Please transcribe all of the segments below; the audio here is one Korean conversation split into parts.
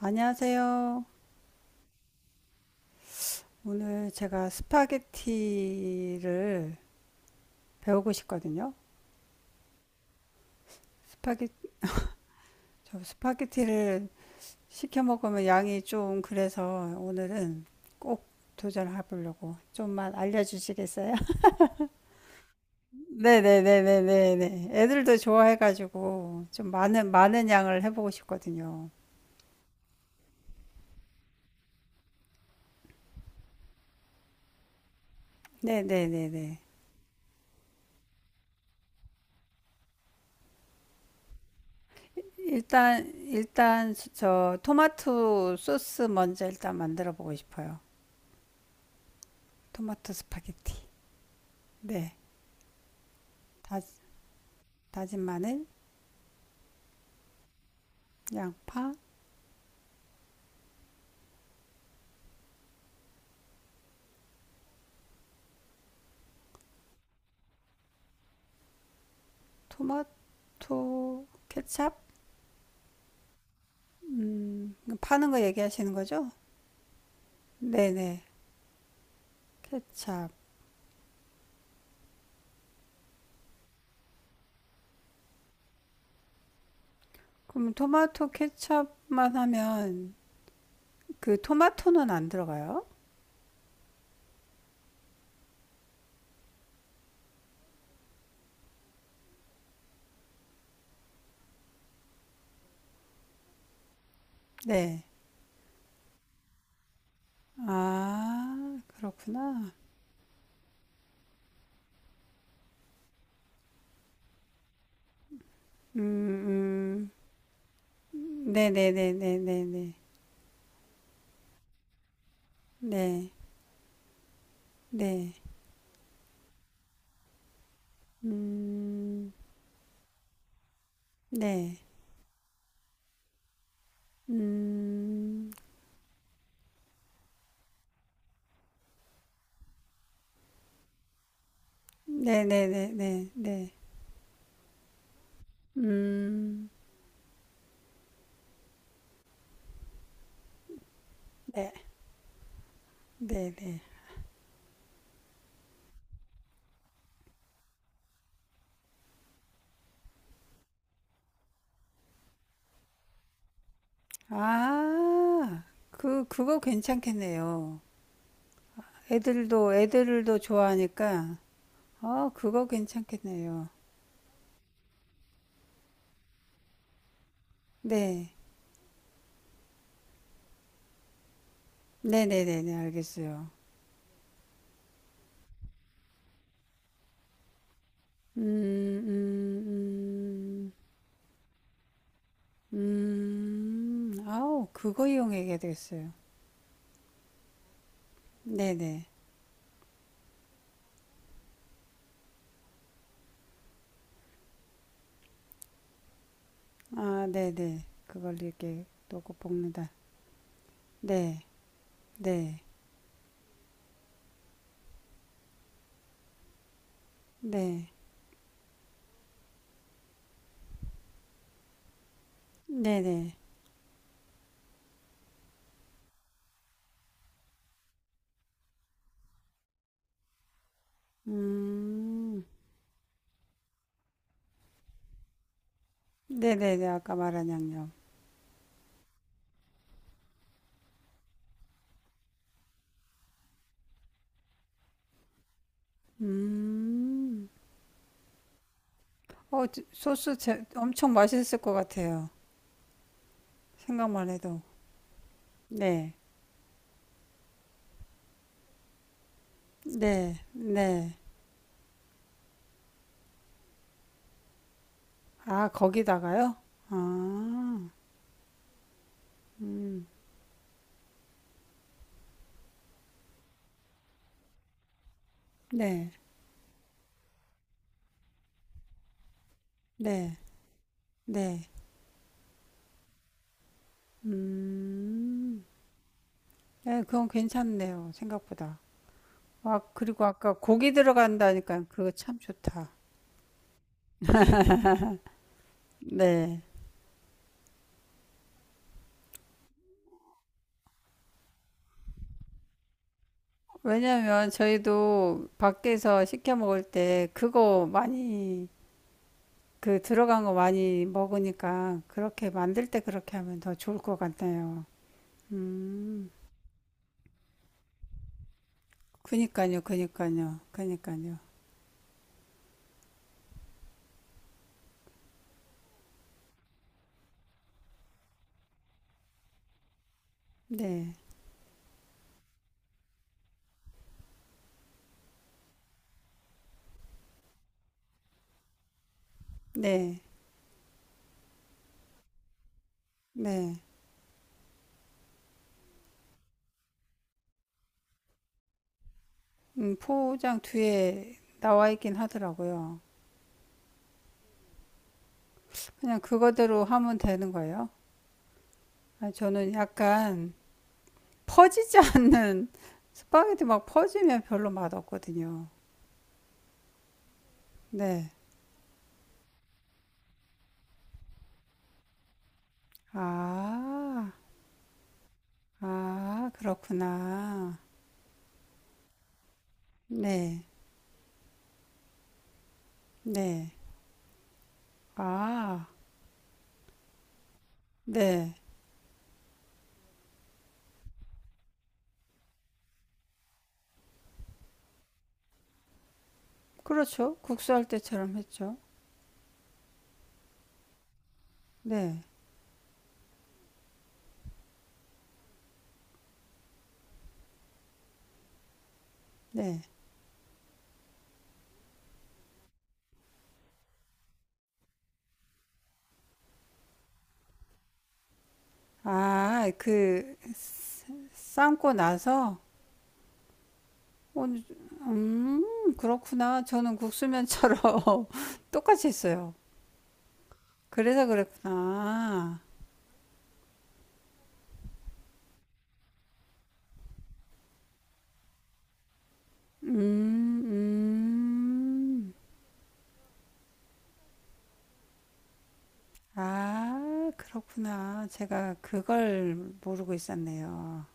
안녕하세요. 오늘 제가 스파게티를 배우고 싶거든요. 스파게, 저 스파게티를 시켜 먹으면 양이 좀 그래서 오늘은 꼭 도전해 보려고 좀만 알려주시겠어요? 네네네네네네. 애들도 좋아해가지고 좀 많은 양을 해보고 싶거든요. 네네네네. 일단 저 토마토 소스 먼저 일단 만들어 보고 싶어요. 토마토 스파게티. 네. 다, 다진 마늘, 양파, 토마토, 케찹. 파는 거 얘기하시는 거죠? 네네. 케찹. 그럼 토마토 케찹만 하면 그 토마토는 안 들어가요? 네. 아, 그렇구나. 음, 음. 네네네네네네. 네. 네. 네, 네, 네. 네, 네. 네. 음, 네네네네네. 음, 네. 네네. 아, 그거 괜찮겠네요. 애들도 좋아하니까, 어, 그거 괜찮겠네요. 네. 네네네네, 알겠어요. 음, 음, 아우, 그거 이용해야 되겠어요. 네네. 아, 네네. 그걸 이렇게 놓고 볶는다. 네, 네, 네, 네네. 음, 네네네, 아까 말한 양념. 음. 어, 소스 엄청 맛있을 것 같아요. 생각만 해도. 네. 네. 네. 아, 거기다가요? 아, 음. 네. 네. 네. 음. 네, 그건 괜찮네요. 생각보다. 아, 그리고 아까 고기 들어간다니까 그거 참 좋다. 네. 왜냐면 저희도 밖에서 시켜 먹을 때 그거 많이 그 들어간 거 많이 먹으니까 그렇게 만들 때 그렇게 하면 더 좋을 것 같아요. 음, 그니까요, 그니까요, 그니까요. 네, 네, 네. 포장 뒤에 나와 있긴 하더라고요. 그냥 그거대로 하면 되는 거예요. 아, 저는 약간 퍼지지 않는 스파게티 막 퍼지면 별로 맛없거든요. 네. 아, 아, 그렇구나. 네, 네. 아. 네. 그렇죠. 국수할 때처럼 했죠. 네. 네. 아, 그 삶고 나서 그렇구나. 저는 국수면처럼 똑같이 했어요. 그래서 그랬구나. 음, 음. 아, 그렇구나. 제가 그걸 모르고 있었네요.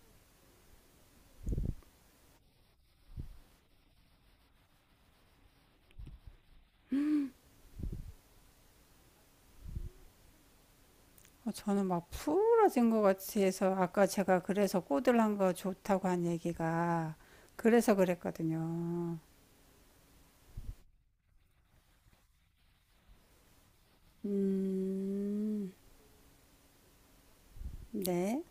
어, 저는 막 풀어진 것 같이 해서 아까 제가 그래서 꼬들한 거 좋다고 한 얘기가 그래서 그랬거든요. 음, 네,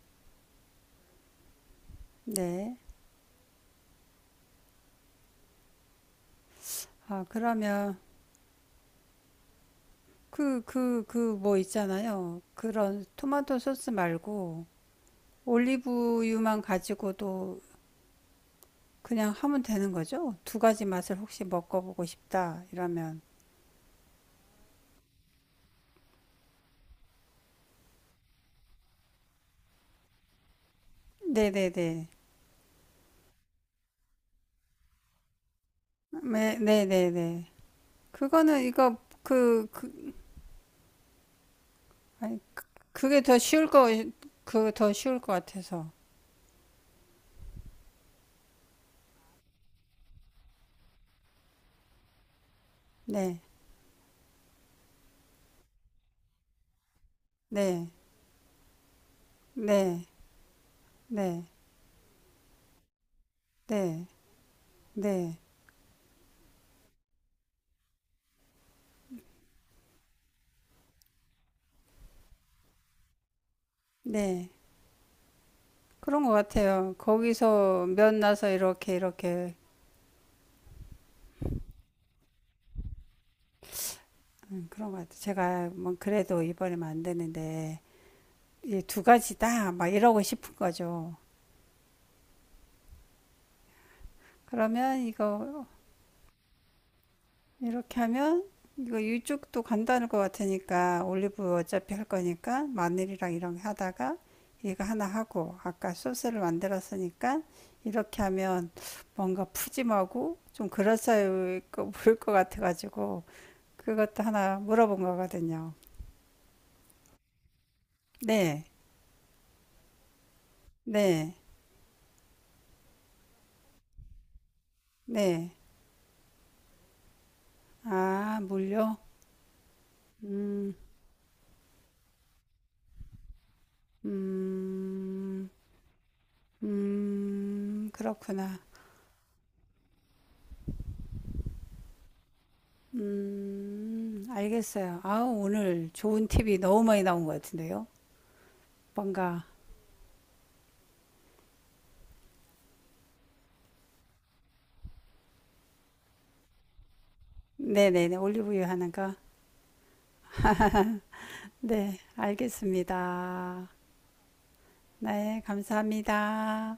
네. 아, 그러면 그 뭐 있잖아요. 그런 토마토 소스 말고 올리브유만 가지고도 그냥 하면 되는 거죠? 두 가지 맛을 혹시 먹어보고 싶다 이러면. 네네네. 네, 네네네. 그거는 이거 그, 그, 아니, 그게 더 쉬울 거, 더 쉬울 것 같아서. 네, 네, 네, 네, 네, 네, 네. 그런 것 같아요. 거기서 면 나서 이렇게, 이렇게. 그런 것 같아요. 제가 뭐 그래도 이번에만 안 되는데, 이 두 가지다. 막 이러고 싶은 거죠. 그러면 이거 이렇게 하면 이거 이쪽도 간단할 것 같으니까 올리브 어차피 할 거니까 마늘이랑 이런 거 하다가 이거 하나 하고 아까 소스를 만들었으니까 이렇게 하면 뭔가 푸짐하고 좀 그럴싸해 보일 것 같아가지고 그것도 하나 물어본 거거든요. 네, 네, 네. 아, 물요? 음, 음, 그렇구나. 알겠어요. 아, 오늘 좋은 팁이 너무 많이 나온 것 같은데요. 뭔가, 네네네, 올리브유 하나가. 네, 알겠습니다. 네, 감사합니다.